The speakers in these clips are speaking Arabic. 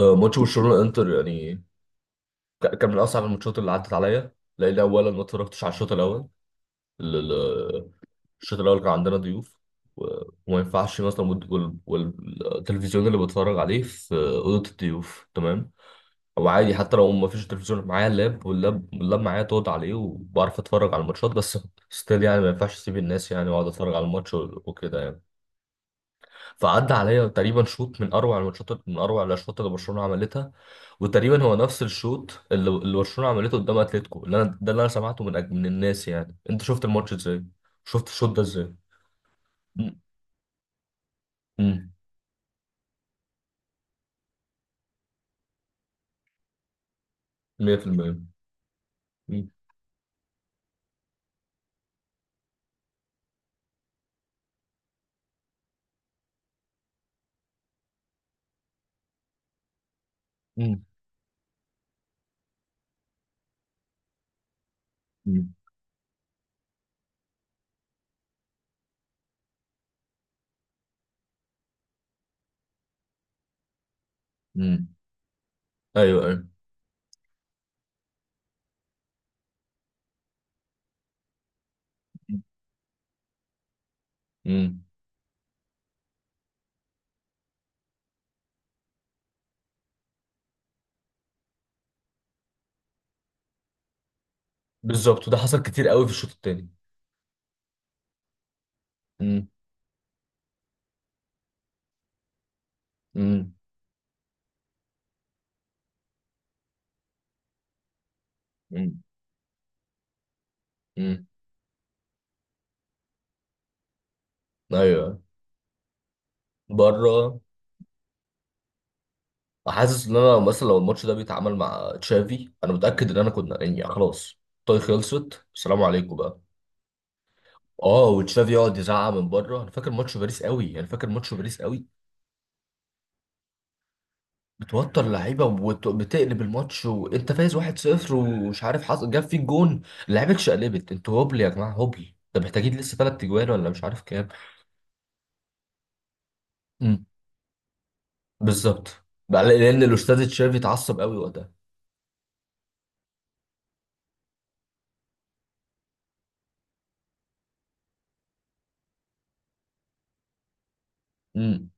آه، ماتش برشلونه انتر يعني. كان من اصعب الماتشات اللي عدت عليا، لان اولا ما اتفرجتش على الشوط الاول. ال- ال- الشوط الاول كان عندنا ضيوف، و- وما ينفعش مثلا والتلفزيون اللي بتفرج عليه في اوضه الضيوف تمام، او عادي. حتى لو ما فيش تلفزيون معايا اللاب، واللاب معايا تقعد عليه وبعرف اتفرج على الماتشات. بس ستيل يعني، ما ينفعش اسيب الناس يعني واقعد اتفرج على الماتش وكده يعني. فعدى عليا تقريبا شوط من اروع الماتشات، من اروع الاشواط اللي برشلونه عملتها. وتقريبا هو نفس الشوط اللي برشلونه عملته قدام اتلتيكو، اللي انا ده اللي انا سمعته من الناس يعني. انت شفت الماتش ازاي؟ شفت الشوط ده ازاي؟ أمم، أمم، 100%. أمم، أمم، أمم، أمم. ايوه ايوه. أمم، أمم. بالظبط، وده حصل كتير قوي في الشوط الثاني. ايوه. بره، حاسس ان انا مثلا لو الماتش ده بيتعامل مع تشافي، انا متاكد ان انا كنا يعني خلاص. طي خلصت، السلام عليكم بقى. اه، وتشافي يقعد يزعق من بره. انا فاكر ماتش باريس قوي، انا فاكر ماتش باريس قوي. بتوتر اللعيبه وبتقلب الماتش وانت فايز 1-0 ومش عارف حصل جاب فيك جون. اللعيبه اتشقلبت. انتوا هبل يا جماعه، هبل. ده محتاجين لسه ثلاث اجوان ولا مش عارف كام. امم، بالظبط. لان الاستاذ تشافي اتعصب قوي وقتها. امم،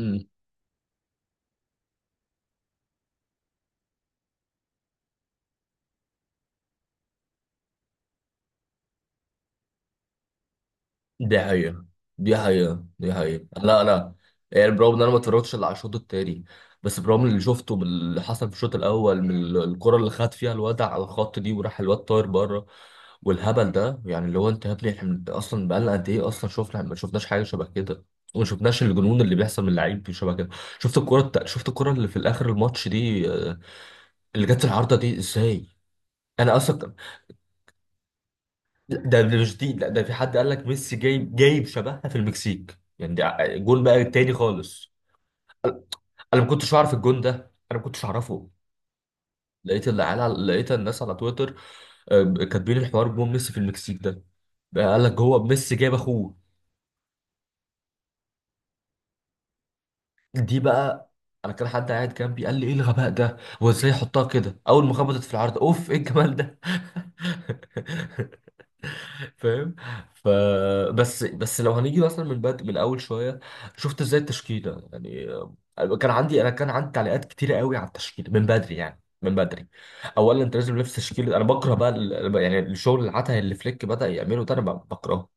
امم. دي حقيقة، دي حقيقة، دي حقيقة، لا لا. يعني برغم ان انا ما اتفرجتش الا على الشوط التاني، بس برغم اللي شفته باللي حصل في الشوط الاول، من الكرة اللي خد فيها الواد على الخط دي، وراح الواد طاير بره، والهبل ده يعني. اللي هو انت يا ابني، احنا اصلا بقالنا قد ايه اصلا، شفنا، ما شفناش حاجة شبه كده. وما شفناش الجنون اللي بيحصل من اللعيب شبه كده. شفت الكرة اللي في الاخر الماتش دي، اللي جت في العارضة دي ازاي؟ انا اصلا، لا، ده مش دي، لا، ده في حد قال لك ميسي جايب، شبهها في المكسيك يعني. ده جون بقى تاني خالص. انا ما كنتش اعرف الجون ده، انا ما كنتش اعرفه. لقيت الناس على تويتر كاتبين الحوار جون ميسي في المكسيك ده. بقى قال لك هو ميسي جايب اخوه. دي بقى، انا كان حد قاعد جنبي قال لي ايه الغباء ده، هو ازاي يحطها كده؟ اول ما خبطت في العارضه، اوف، ايه الجمال ده. فاهم؟ ف بس، لو هنيجي مثلا من اول شويه، شفت ازاي التشكيله يعني؟ كان عندي تعليقات كتيره قوي على التشكيله من بدري، يعني من بدري. اولا انت لازم نفس تشكيله. انا بكره بقى يعني الشغل العته اللي فليك بدا يعمله ده، انا بكرهه.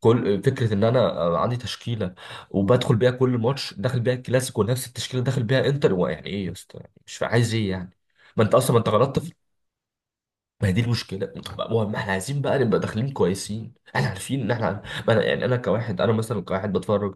كل فكره ان انا عندي تشكيله وبدخل بيها كل ماتش، داخل بيها الكلاسيكو، ونفس التشكيله داخل بيها انتر. هو يعني ايه يا اسطى يعني، مش عايز ايه يعني؟ ما انت اصلا، ما انت غلطت. ما هي دي المشكلة. طب ما احنا عايزين بقى نبقى داخلين كويسين، احنا عارفين ان احنا. ما انا يعني انا كواحد، انا مثلا كواحد بتفرج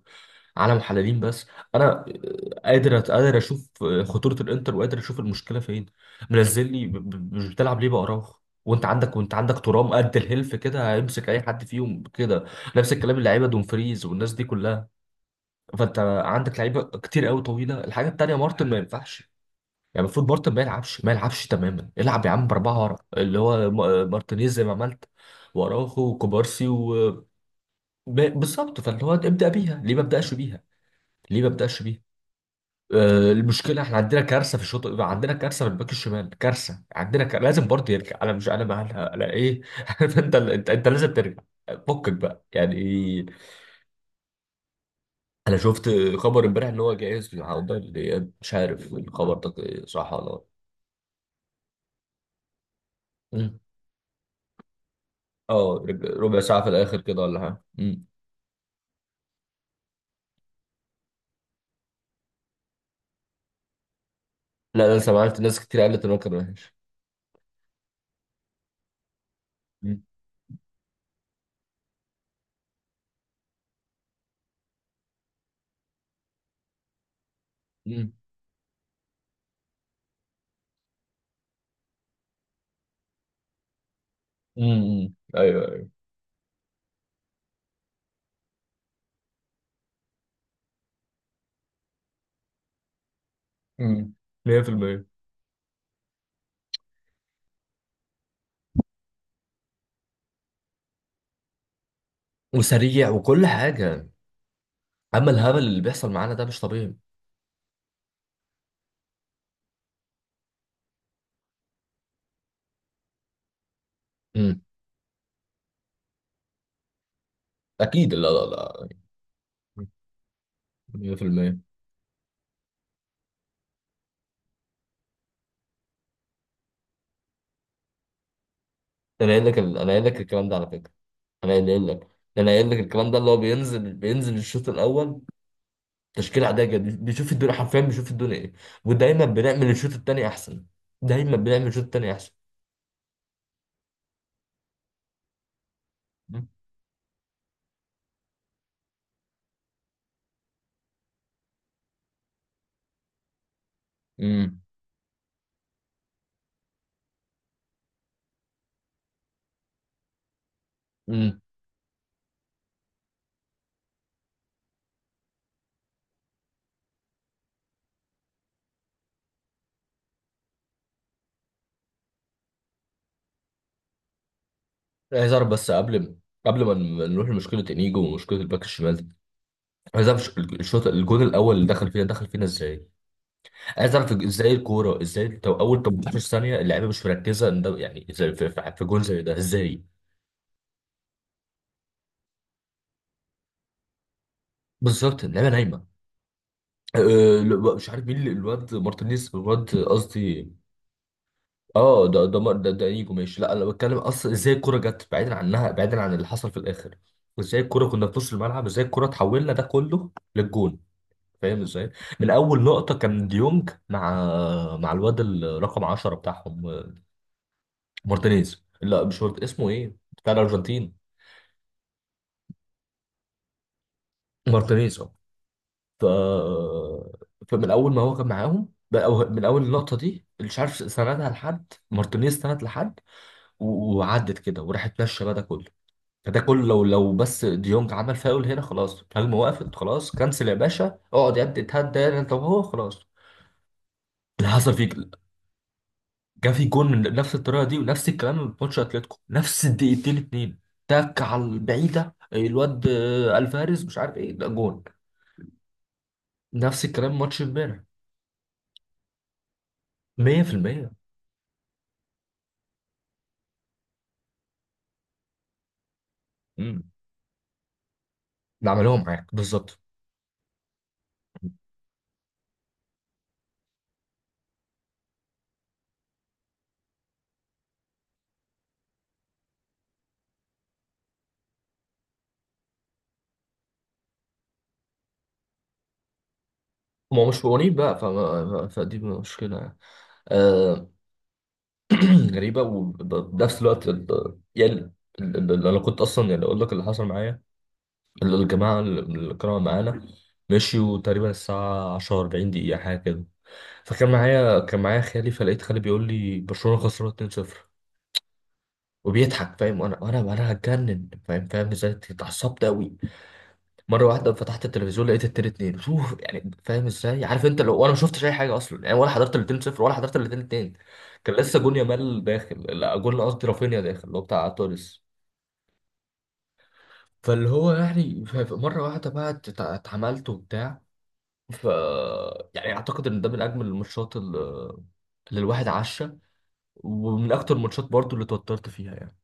على محللين بس. انا قادر قادر اشوف خطورة الانتر، وقادر اشوف المشكلة فين. منزل لي مش بتلعب ليه بأراوخو؟ وانت عندك ترام قد الهلف كده، هيمسك اي حد فيهم كده. نفس الكلام اللعيبه دومفريز والناس دي كلها. فانت عندك لعيبه كتير قوي طويله. الحاجه التانيه، مارتن ما ينفعش يعني. المفروض مارتن ما يلعبش، ما يلعبش تماما. العب يا عم باربعه ورا، اللي هو مارتينيز، زي ما عملت، واراوخو وكوبارسي و بالظبط. فاللي هو ابدا بيها، ليه ما ابداش بيها؟ ليه ما ابداش بيها؟ المشكله احنا عندنا كارثه في الشوط، عندنا كارثه في الباك الشمال، كارثه. عندنا لازم برضه يرجع. انا مش انا مالها انا ايه عارف انت، انت لازم ترجع. فكك بقى يعني. انا شفت خبر امبارح ان هو جاهز، والله مش عارف الخبر ده صح ولا لا. اه، ربع ساعة في الآخر كده ولا حاجة. لا، أنا سمعت ناس كتير قالت إن هو كان وحش. مم. مم. أيوه أيوه. مم. 100%. وسريع وكل حاجة. أما الهبل اللي بيحصل معانا ده مش طبيعي. مم. أكيد، لا لا لا. 100%. أنا قايل لك أنا قايل لك الكلام ده على فكرة. أنا قايل لك أنا قايل لك الكلام ده، اللي هو بينزل الشوط الأول. تشكيلة عادية جدا، بيشوف الدنيا، حرفيا بيشوف الدنيا إيه. ودايما بنعمل الشوط التاني أحسن، دايما بنعمل الشوط التاني أحسن. مم. امم. عايز اعرف بس قبل، قبل ما نروح لمشكله انيجو ومشكله الباك الشمال دي. عايز اعرف الشوط الجون الاول اللي دخل فينا، دخل فينا ازاي. عايز اعرف ازاي الكوره، ازاي تو اول 18 ثانيه اللعيبه مش مركزه ان ده يعني ازاي، في جون زي ده ازاي. بالظبط، اللعيبه نايمه. أه. لا، مش عارف مين الواد مارتينيز، الواد قصدي. اه، ده انيجو ماشي. لا، انا بتكلم اصلا ازاي الكوره جت بعيدا عنها، بعيدا عن اللي حصل في الاخر. ازاي الكوره كنا في نص الملعب، ازاي الكوره اتحولنا ده كله للجون؟ فاهم ازاي؟ من اول لقطه كان ديونج مع الواد الرقم 10 بتاعهم. مارتينيز، لا مش اسمه ايه؟ بتاع الارجنتين. مارتينيز، اه. ف فمن اول ما هو كان معاهم، أو من اول اللقطه دي، مش عارف سندها لحد مارتينيز، سند لحد. وعدت كده وراحت ماشيه بقى ده كله. فده كله، لو لو بس ديونج عمل فاول هنا، خلاص الهجمه وقفت، خلاص. كنسل يا باشا، اقعد يا ابني، اتهدى هنا انت وهو، خلاص. اللي حصل فيك، جا في جون من نفس الطريقه دي، ونفس الكلام من ماتش اتلتيكو، نفس الدقيقتين اتنين. تك على البعيده، الواد الفاريز مش عارف ايه، ده جون. نفس الكلام ماتش امبارح. 100%. امم. اللي عملوه معاك بالظبط. ما هو مش مقاولين بقى، فما فدي مشكلة يعني. آه. غريبة. وبنفس الوقت يعني أنا كنت أصلا يعني أقول لك اللي حصل معايا. الجماعة اللي كانوا معانا، مشيوا تقريبا الساعة 10 40 دقيقة حاجة كده. فكان معايا خالي، فلقيت خالي بيقول لي برشلونة خسرانة 2-0 وبيضحك. فاهم؟ وانا هتجنن. فاهم؟ فاهم ازاي؟ اتعصبت قوي. مرة واحدة فتحت التلفزيون لقيت التلاتة اتنين. شوف يعني، فاهم ازاي؟ عارف انت لو، وانا ما شفتش اي حاجة اصلا يعني، ولا حضرت الاتنين صفر ولا حضرت الاتنين اتنين. كان لسه جون يامال داخل، لا جون قصدي رافينيا داخل، اللي هو بتاع تونس. فاللي هو يعني مرة واحدة بقى اتعملت وبتاع. ف يعني اعتقد ان ده من اجمل الماتشات اللي، الواحد عاشها. ومن اكتر الماتشات برضو اللي اتوترت فيها يعني.